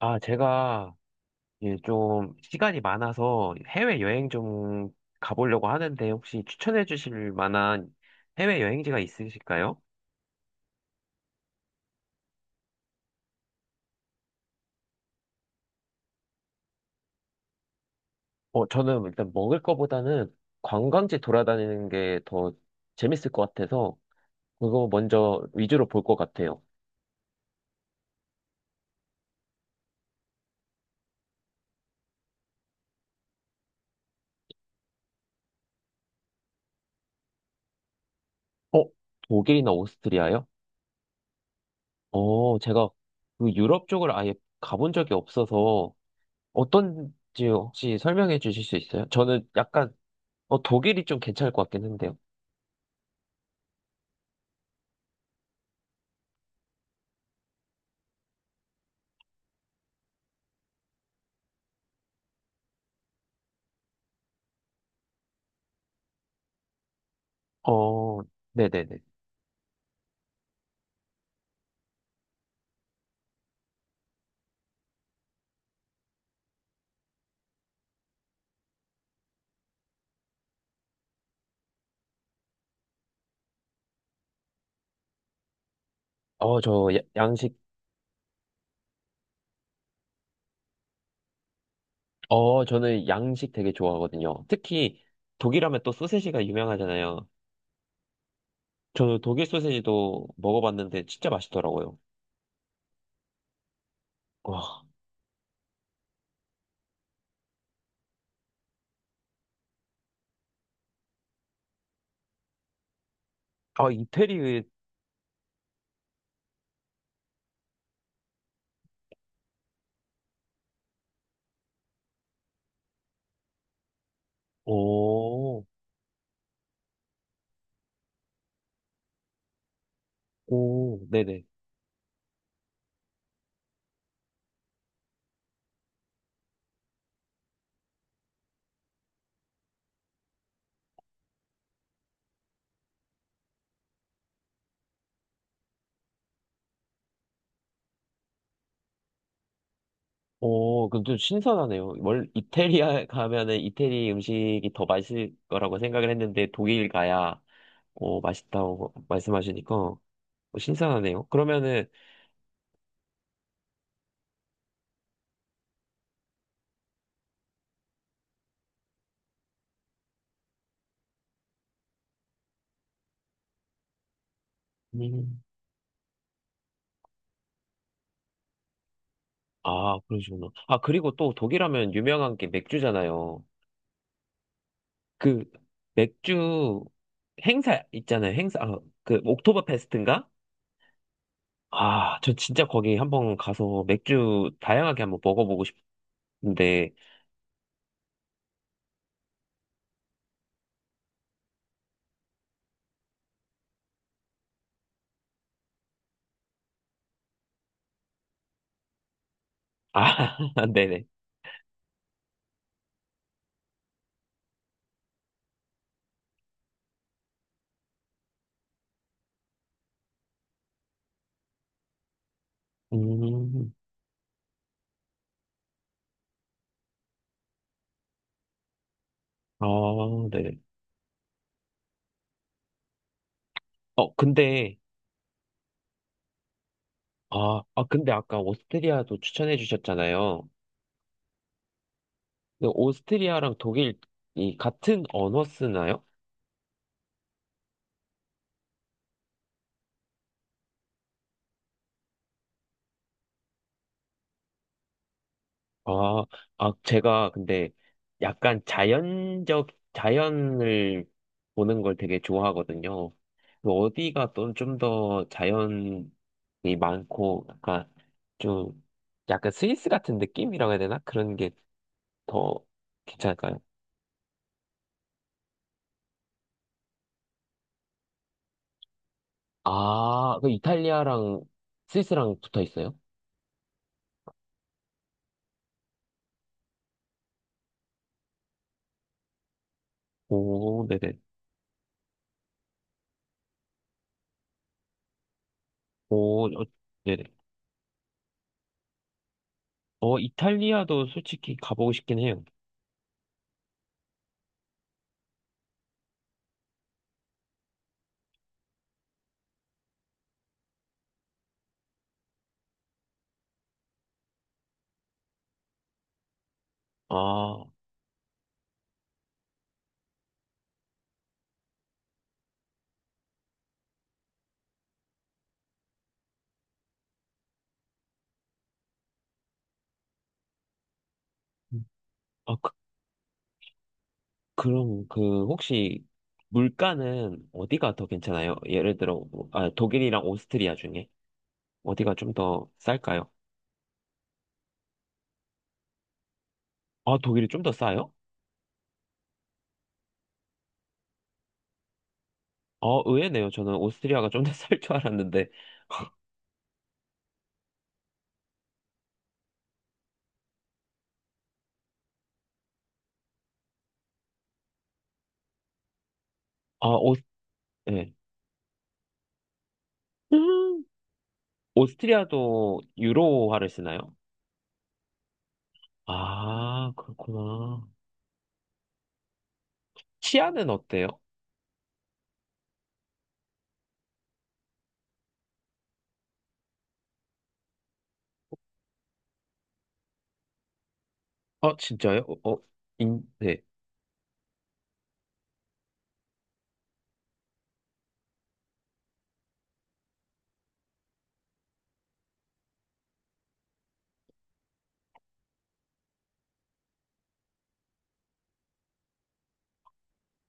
제가 이제 좀 시간이 많아서 해외여행 좀 가보려고 하는데 혹시 추천해 주실 만한 해외여행지가 있으실까요? 저는 일단 먹을 거보다는 관광지 돌아다니는 게 더 재밌을 것 같아서 그거 먼저 위주로 볼 것 같아요. 어, 독일이나 오스트리아요? 제가 그 유럽 쪽을 아예 가본 적이 없어서 어떤지 혹시 설명해 주실 수 있어요? 저는 약간 독일이 좀 괜찮을 것 같긴 한데요. 어, 네네네. 양식, 저는 양식 되게 좋아하거든요. 특히 독일하면 또 소세지가 유명하잖아요. 저는 독일 소세지도 먹어봤는데 진짜 맛있더라고요. 와, 이태리의, 오, 오, 네네. 오, 그럼 좀 신선하네요. 원 이태리에 가면은 이태리 음식이 더 맛있을 거라고 생각을 했는데 독일 가야, 오, 맛있다고 말씀하시니까 신선하네요. 그러면은, 아, 그러시구나. 아, 그리고 또 독일하면 유명한 게 맥주잖아요. 그 맥주 행사 있잖아요. 행사, 아, 그 옥토버 페스트인가? 아, 저 진짜 거기 한번 가서 맥주 다양하게 한번 먹어보고 싶은데, 아, 네네. 음, 아, 네네. 어, 근데, 아, 아, 근데 아까 오스트리아도 추천해 주셨잖아요. 근데 오스트리아랑 독일이 같은 언어 쓰나요? 아, 아, 제가 근데 약간 자연을 보는 걸 되게 좋아하거든요. 그 어디가 또 좀 더 자연이 많고, 약간 좀, 약간 스위스 같은 느낌이라고 해야 되나? 그런 게 더 괜찮을까요? 아, 그 이탈리아랑 스위스랑 붙어 있어요? 오, 네네. 오, 어, 네네. 어, 이탈리아도 솔직히 가보고 싶긴 해요. 아, 아, 그럼 그 혹시 물가는 어디가 더 괜찮아요? 예를 들어 뭐, 아, 독일이랑 오스트리아 중에 어디가 좀 더 쌀까요? 아 독일이 좀 더 싸요? 아 의외네요. 저는 오스트리아가 좀 더 쌀 줄 알았는데 아 오스 예. 음, 오스트리아도 유로화를 쓰나요? 아 그렇구나. 치아는 어때요? 아 진짜요? 어, 어, 인, 네.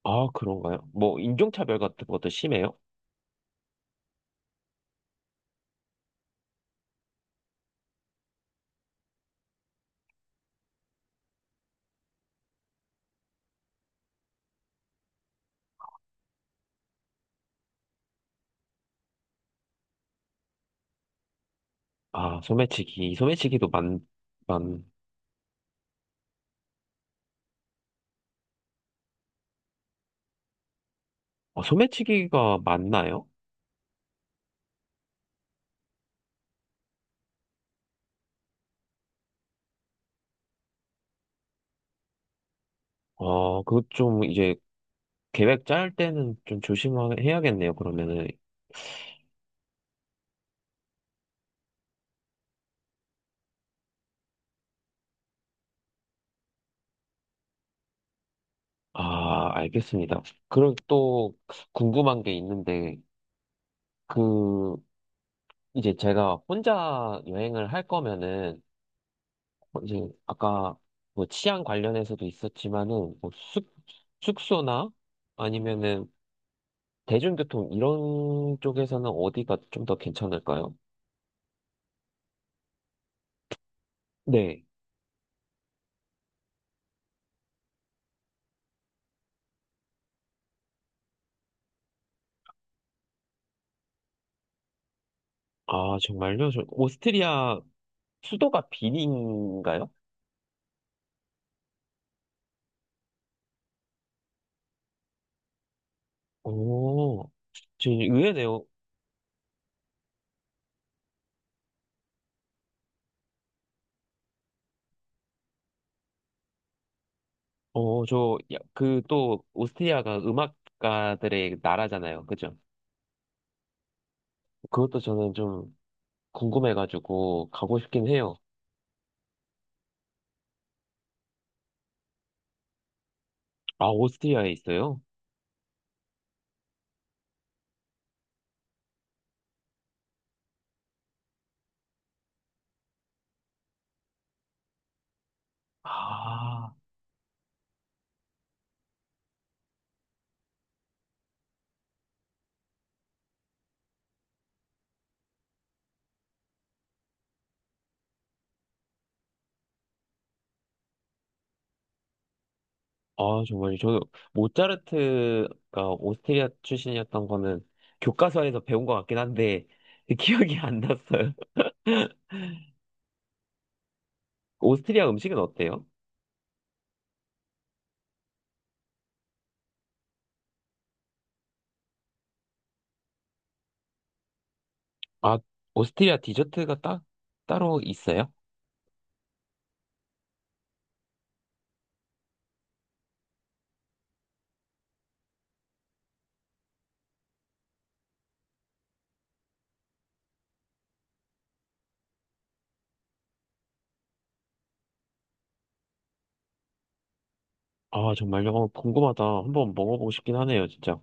아 그런가요? 뭐 인종차별 같은 것도 심해요? 아 소매치기도 많 많. 어, 소매치기가 맞나요? 어, 그거 좀 이제 계획 짤 때는 좀 조심해야겠네요, 그러면은. 아, 알겠습니다. 그리고 또 궁금한 게 있는데, 그, 이제 제가 혼자 여행을 할 거면은, 뭐 이제 아까 뭐 치안 관련해서도 있었지만은, 뭐 숙, 숙소나 아니면은 대중교통 이런 쪽에서는 어디가 좀 더 괜찮을까요? 네. 아, 정말요? 저 오스트리아 수도가 비린인가요? 오, 저 의외네요. 그 또, 오스트리아가 음악가들의 나라잖아요. 그죠? 그것도 저는 좀 궁금해가지고 가고 싶긴 해요. 아, 오스트리아에 있어요? 아, 아, 정말. 저, 모차르트가 오스트리아 출신이었던 거는 교과서에서 배운 것 같긴 한데, 기억이 안 났어요. 오스트리아 음식은 어때요? 아, 오스트리아 디저트가 딱, 따로 있어요? 아, 정말요? 어, 궁금하다. 한번 먹어보고 싶긴 하네요, 진짜.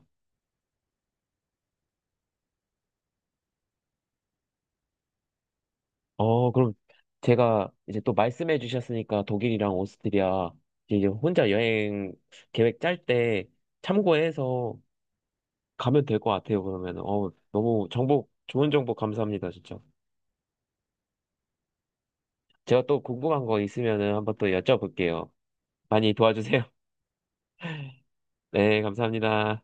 어, 그럼 제가 이제 또 말씀해 주셨으니까 독일이랑 오스트리아 이제 혼자 여행 계획 짤 때 참고해서 가면 될 것 같아요, 그러면. 어, 너무 정보, 좋은 정보 감사합니다, 진짜. 제가 또 궁금한 거 있으면은 한번 또 여쭤볼게요. 많이 도와주세요. 네, 감사합니다.